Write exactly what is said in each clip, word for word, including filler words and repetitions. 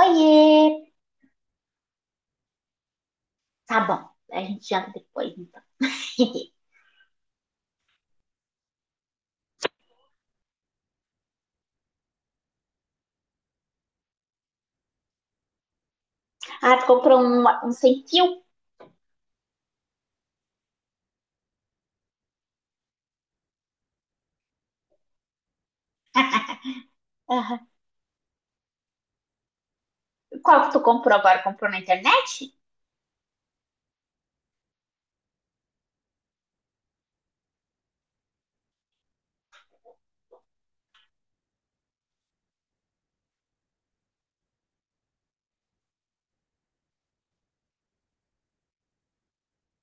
Oiê! Tá bom, a gente janta depois, então. Ah, tu comprou um, um sem fio? Aham. Qual que tu comprou agora? Comprou na internet?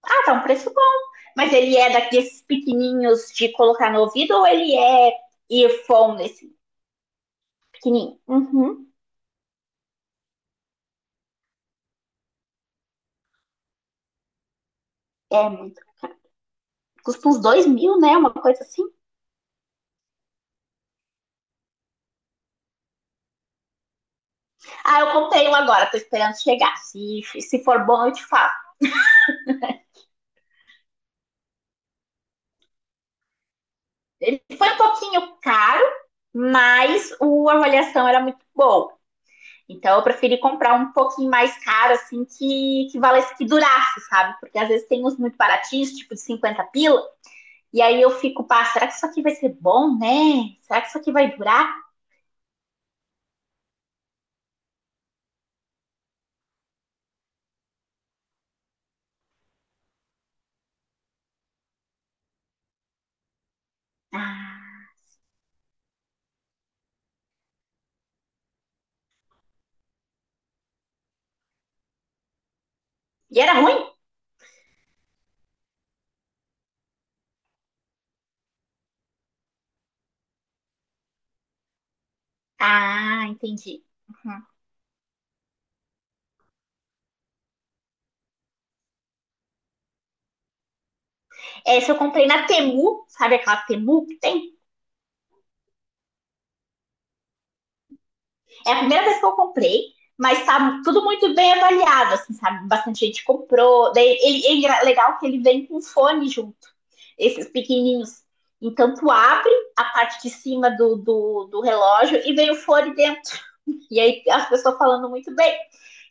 Ah, tá um preço bom. Mas ele é daqueles pequenininhos de colocar no ouvido ou ele é earphone, esse pequenininho? Uhum. É muito. Custa uns dois mil, né? Uma coisa assim. Ah, eu comprei um agora, tô esperando chegar. Se, se for bom, eu te falo. Foi um pouquinho caro, mas a avaliação era muito boa. Então eu preferi comprar um pouquinho mais caro, assim, que, que valesse que durasse, sabe? Porque às vezes tem uns muito baratinhos, tipo de cinquenta pila, e aí eu fico, pá, será que isso aqui vai ser bom, né? Será que isso aqui vai durar? Ah, e era ruim? Ah, entendi. Uhum. Essa eu comprei na Temu, sabe aquela Temu que tem? É a primeira vez que eu comprei, mas tá tudo muito bem avaliado, assim, sabe? Bastante gente comprou. Daí ele, é legal que ele vem com fone junto, esses pequenininhos. Então tu abre a parte de cima do, do, do relógio e vem o fone dentro. E aí as pessoas falando muito bem.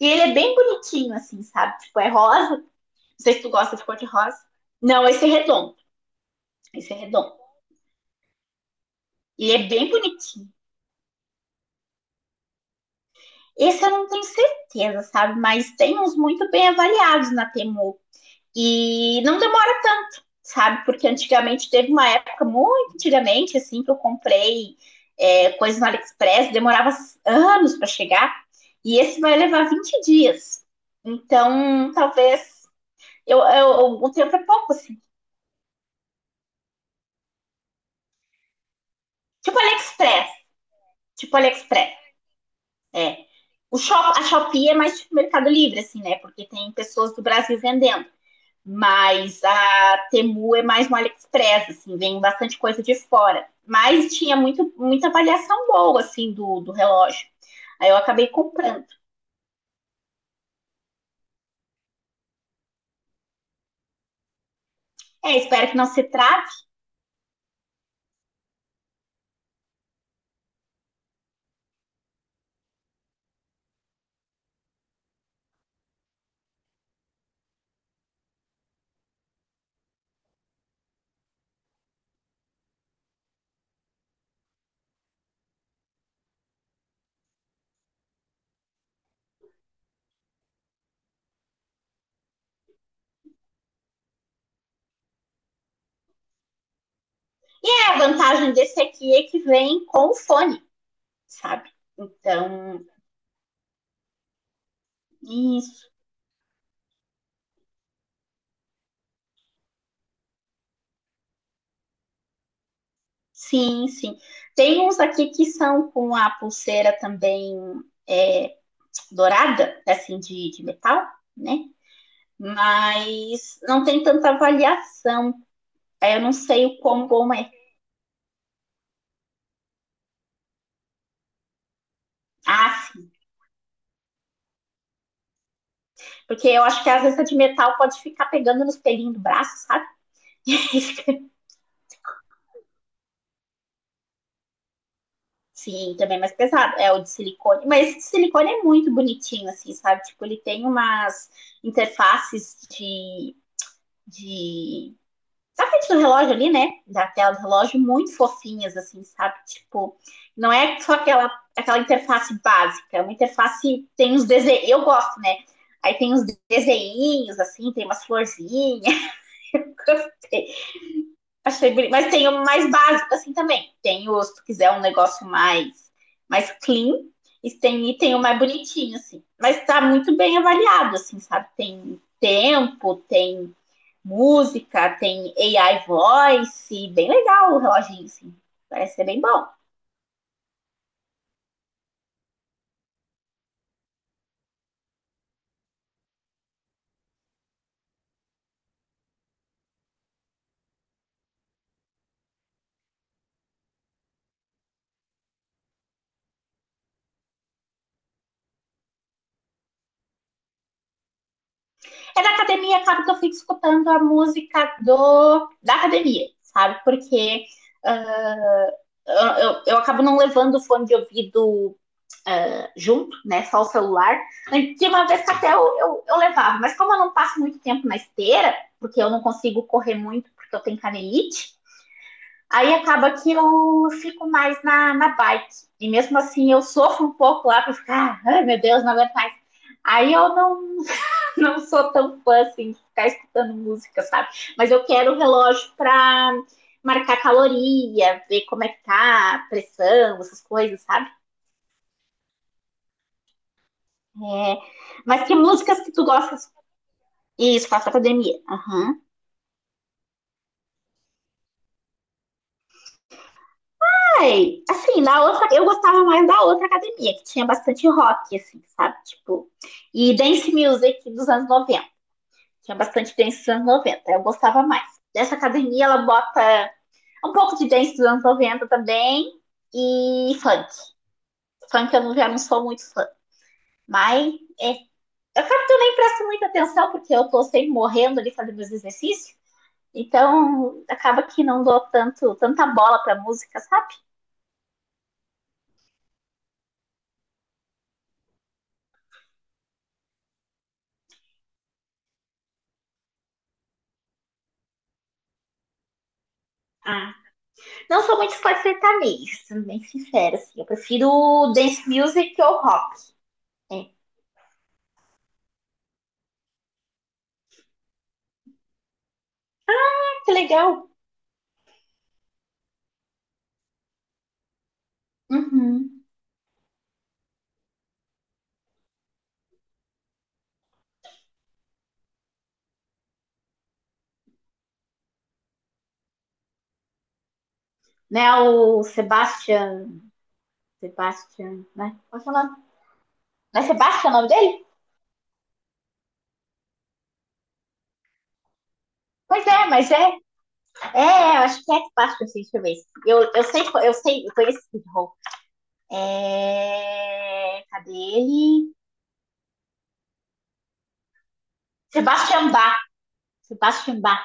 E ele é bem bonitinho, assim, sabe? Tipo, é rosa. Não sei se tu gosta de cor de rosa. Não, esse é redondo. Esse é redondo. Ele é bem bonitinho. Esse eu não tenho certeza, sabe? Mas tem uns muito bem avaliados na Temu. E não demora tanto, sabe? Porque antigamente teve uma época, muito antigamente, assim, que eu comprei é, coisas no AliExpress, demorava anos para chegar, e esse vai levar vinte dias. Então, talvez eu, eu, eu, o tempo é pouco, assim. Tipo AliExpress, tipo AliExpress, é. O shop, a Shopee é mais tipo Mercado Livre, assim, né? Porque tem pessoas do Brasil vendendo. Mas a Temu é mais no AliExpress, assim, vem bastante coisa de fora. Mas tinha muito, muita avaliação boa, assim, do, do relógio. Aí eu acabei comprando. É, espero que não se trate. É, a vantagem desse aqui é que vem com o fone, sabe? Então, isso. Sim, sim. Tem uns aqui que são com a pulseira também é, dourada, assim, de, de metal, né? Mas não tem tanta avaliação. Aí eu não sei o quão bom é. Ah, sim. Porque eu acho que às vezes a de metal pode ficar pegando nos pelinhos do braço, sabe? Sim, também é mais pesado. É o de silicone. Mas esse de silicone é muito bonitinho, assim, sabe? Tipo, ele tem umas interfaces de. de... Da frente do relógio ali, né? Da tela do relógio, muito fofinhas, assim, sabe? Tipo, não é só aquela, aquela interface básica, é uma interface tem uns desenhos. Eu gosto, né? Aí tem uns desenhinhos, assim, tem umas florzinhas. Gostei. Achei bonito. Mas tem o mais básico, assim, também. Tem o, se tu quiser um negócio mais, mais clean, e tem, e tem o mais bonitinho, assim. Mas tá muito bem avaliado, assim, sabe? Tem tempo, tem música, tem A I voice, bem legal o reloginho, assim. Parece ser bem bom. É da academia, acaba que eu fico escutando a música do, da academia, sabe? Porque uh, eu, eu acabo não levando o fone de ouvido junto, né? Só o celular. Tinha uma vez que até eu, eu, eu, levava, mas como eu não passo muito tempo na esteira, porque eu não consigo correr muito porque eu tenho canelite, aí acaba que eu fico mais na, na bike. E mesmo assim eu sofro um pouco lá pra ficar, ai meu Deus, não aguento mais. Aí eu não, não sou tão fã assim de ficar escutando música, sabe? Mas eu quero o relógio pra marcar caloria, ver como é que tá, a pressão, essas coisas, sabe? É. Mas que músicas que tu gosta? Isso, faço academia. Aham. Ai, assim, na outra, eu gostava mais da outra academia, que tinha bastante rock, assim, sabe? Tipo, e dance music dos anos noventa. Tinha bastante dance dos anos noventa. Eu gostava mais. Dessa academia, ela bota um pouco de dance dos anos noventa também e funk. Funk eu não- Já não sou muito fã, mas é, eu acabo que eu nem presto muita atenção, porque eu tô sempre morrendo ali fazendo meus exercícios. Então, acaba que não dou tanto, tanta bola pra música, sabe? Não sou muito fã de sertanejo, sendo bem sincera, assim. Eu prefiro dance music ou rock. É. Ah, que legal. Uhum. Né, o Sebastian... Sebastian, né? Qual é o Não é Sebastian o nome dele? Pois é, mas é. É, eu acho que é Sebastian, assim, deixa eu ver. Eu, eu sei, eu sei, eu conheço esse rock. É... Cadê ele? Sebastian Bach. Sebastian Bach.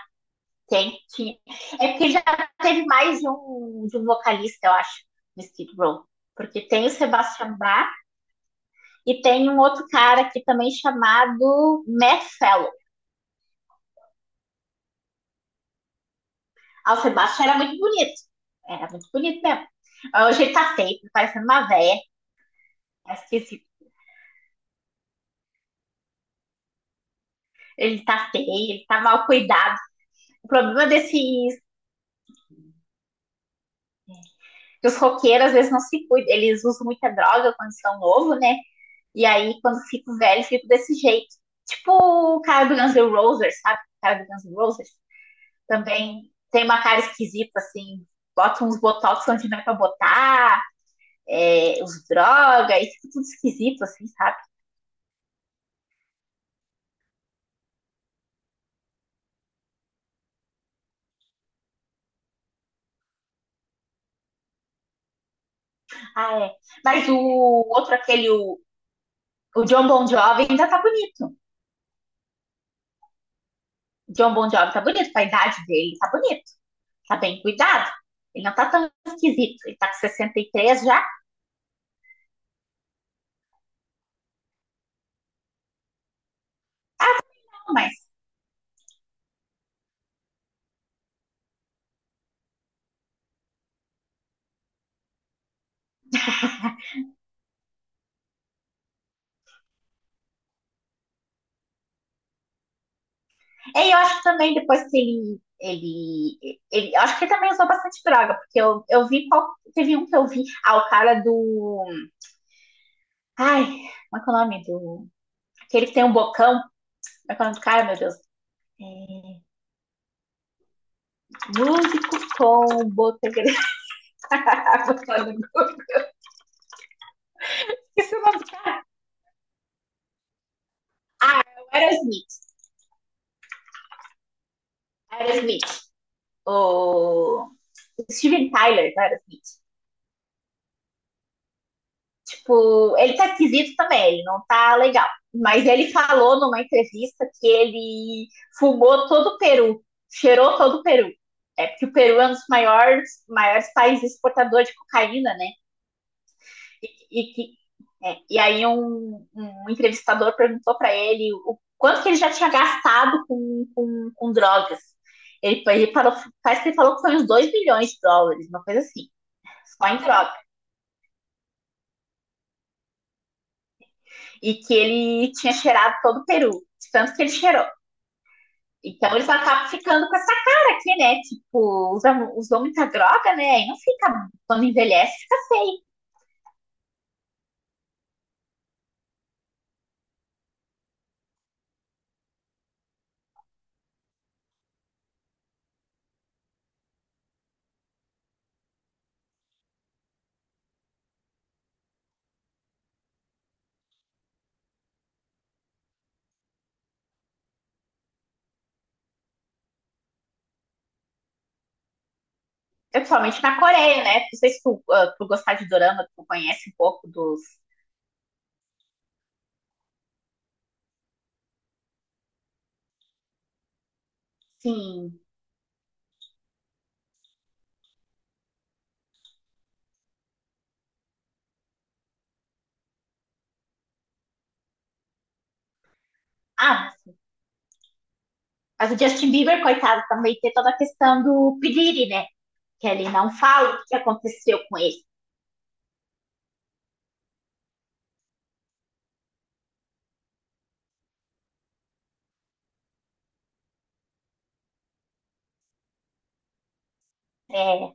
Tem, tinha. É porque já teve mais de um, de um vocalista, eu acho, no Skid Row. Porque tem o Sebastian Bach e tem um outro cara aqui também chamado Matt Fellow. Ah, o Sebastian era muito bonito. Era muito bonito mesmo. Ah, hoje ele tá feio, tá parecendo uma véia. É esquisito. Ele tá feio, ele tá mal cuidado. O problema desses que os roqueiros às vezes não se cuidam. Eles usam muita droga quando são novos, né? E aí, quando fico velho, fico desse jeito. Tipo o cara do Guns N' Roses, sabe? O cara do Guns N' Roses também tem uma cara esquisita, assim. Bota uns botox onde não é pra botar, é, os drogas, e fica tudo esquisito, assim, sabe? Ah, é. Mas o outro, aquele, o, o John Bon Jovi, ainda tá bonito. O John Bon Jovi tá bonito, com a idade dele, tá bonito. Tá bem cuidado. Ele não tá tão esquisito. Ele tá com sessenta e três já, mas e eu acho que também depois que ele, ele, ele. Eu acho que ele também usou bastante droga, porque eu, eu vi qual. Teve um que eu vi. Ah, o cara do. Ai, como é que é o nome? Do. Aquele que tem um bocão. Como é que é o nome do cara, meu Deus? É, músico com botografado. Esse é o nome do cara. Ah, é o Aerosmith. Aerosmith. O. Steven Tyler, não era Smith. Tipo, ele tá esquisito também, ele não tá legal. Mas ele falou numa entrevista que ele fumou todo o Peru, cheirou todo o Peru. É porque o Peru é um dos maiores, maiores países exportadores de cocaína, né? E, e que é, e aí um, um entrevistador perguntou para ele o quanto que ele já tinha gastado com, com, com drogas. Ele, ele falou, parece que ele falou que foi uns dois milhões de dólares, uma coisa assim, só em drogas. E que ele tinha cheirado todo o Peru, de tanto que ele cheirou. Então eles acabam ficando com essa cara aqui, né? Tipo, usa, usou muita droga, né? E não fica, quando envelhece, fica feio. Principalmente na Coreia, né? Não sei se tu, uh, tu gostar de dorama, tu conhece um pouco dos. Sim. Ah, mas o Justin Bieber, coitado, também tem toda a questão do piriri, né? Que ele não fala o que aconteceu com ele. É,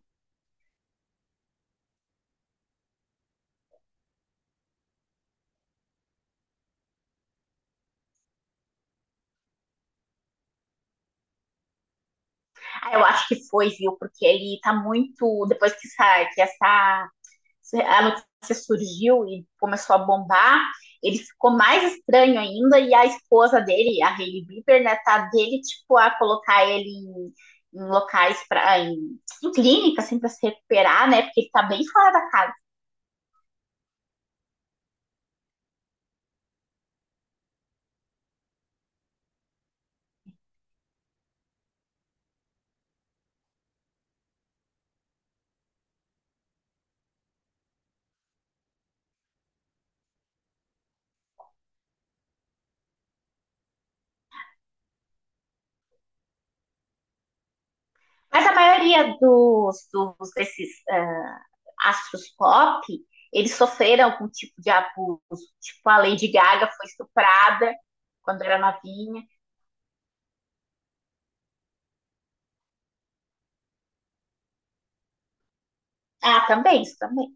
eu acho que foi, viu? Porque ele tá muito. Depois que, essa, que essa a notícia surgiu e começou a bombar, ele ficou mais estranho ainda, e a esposa dele, a Hailey Bieber, né, tá dele, tipo, a colocar ele em, em, locais, pra, em, em clínica, assim, pra se recuperar, né, porque ele tá bem fora da casa. Mas a maioria dos, dos desses uh, astros pop, eles sofreram algum tipo de abuso, tipo, a Lady Gaga foi estuprada quando era novinha. Ah, também, isso também.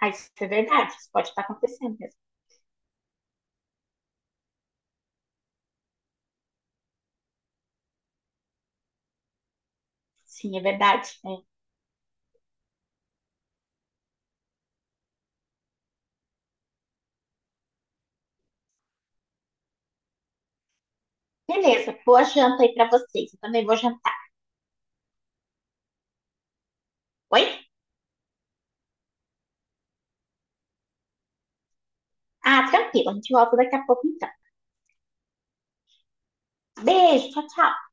Ah, isso é verdade, isso pode estar acontecendo mesmo. Sim, é verdade, né? Beleza, boa janta aí pra vocês. Eu também vou jantar. Oi? Ah, tranquilo. A gente volta daqui a pouco então. Beijo, tchau, tchau.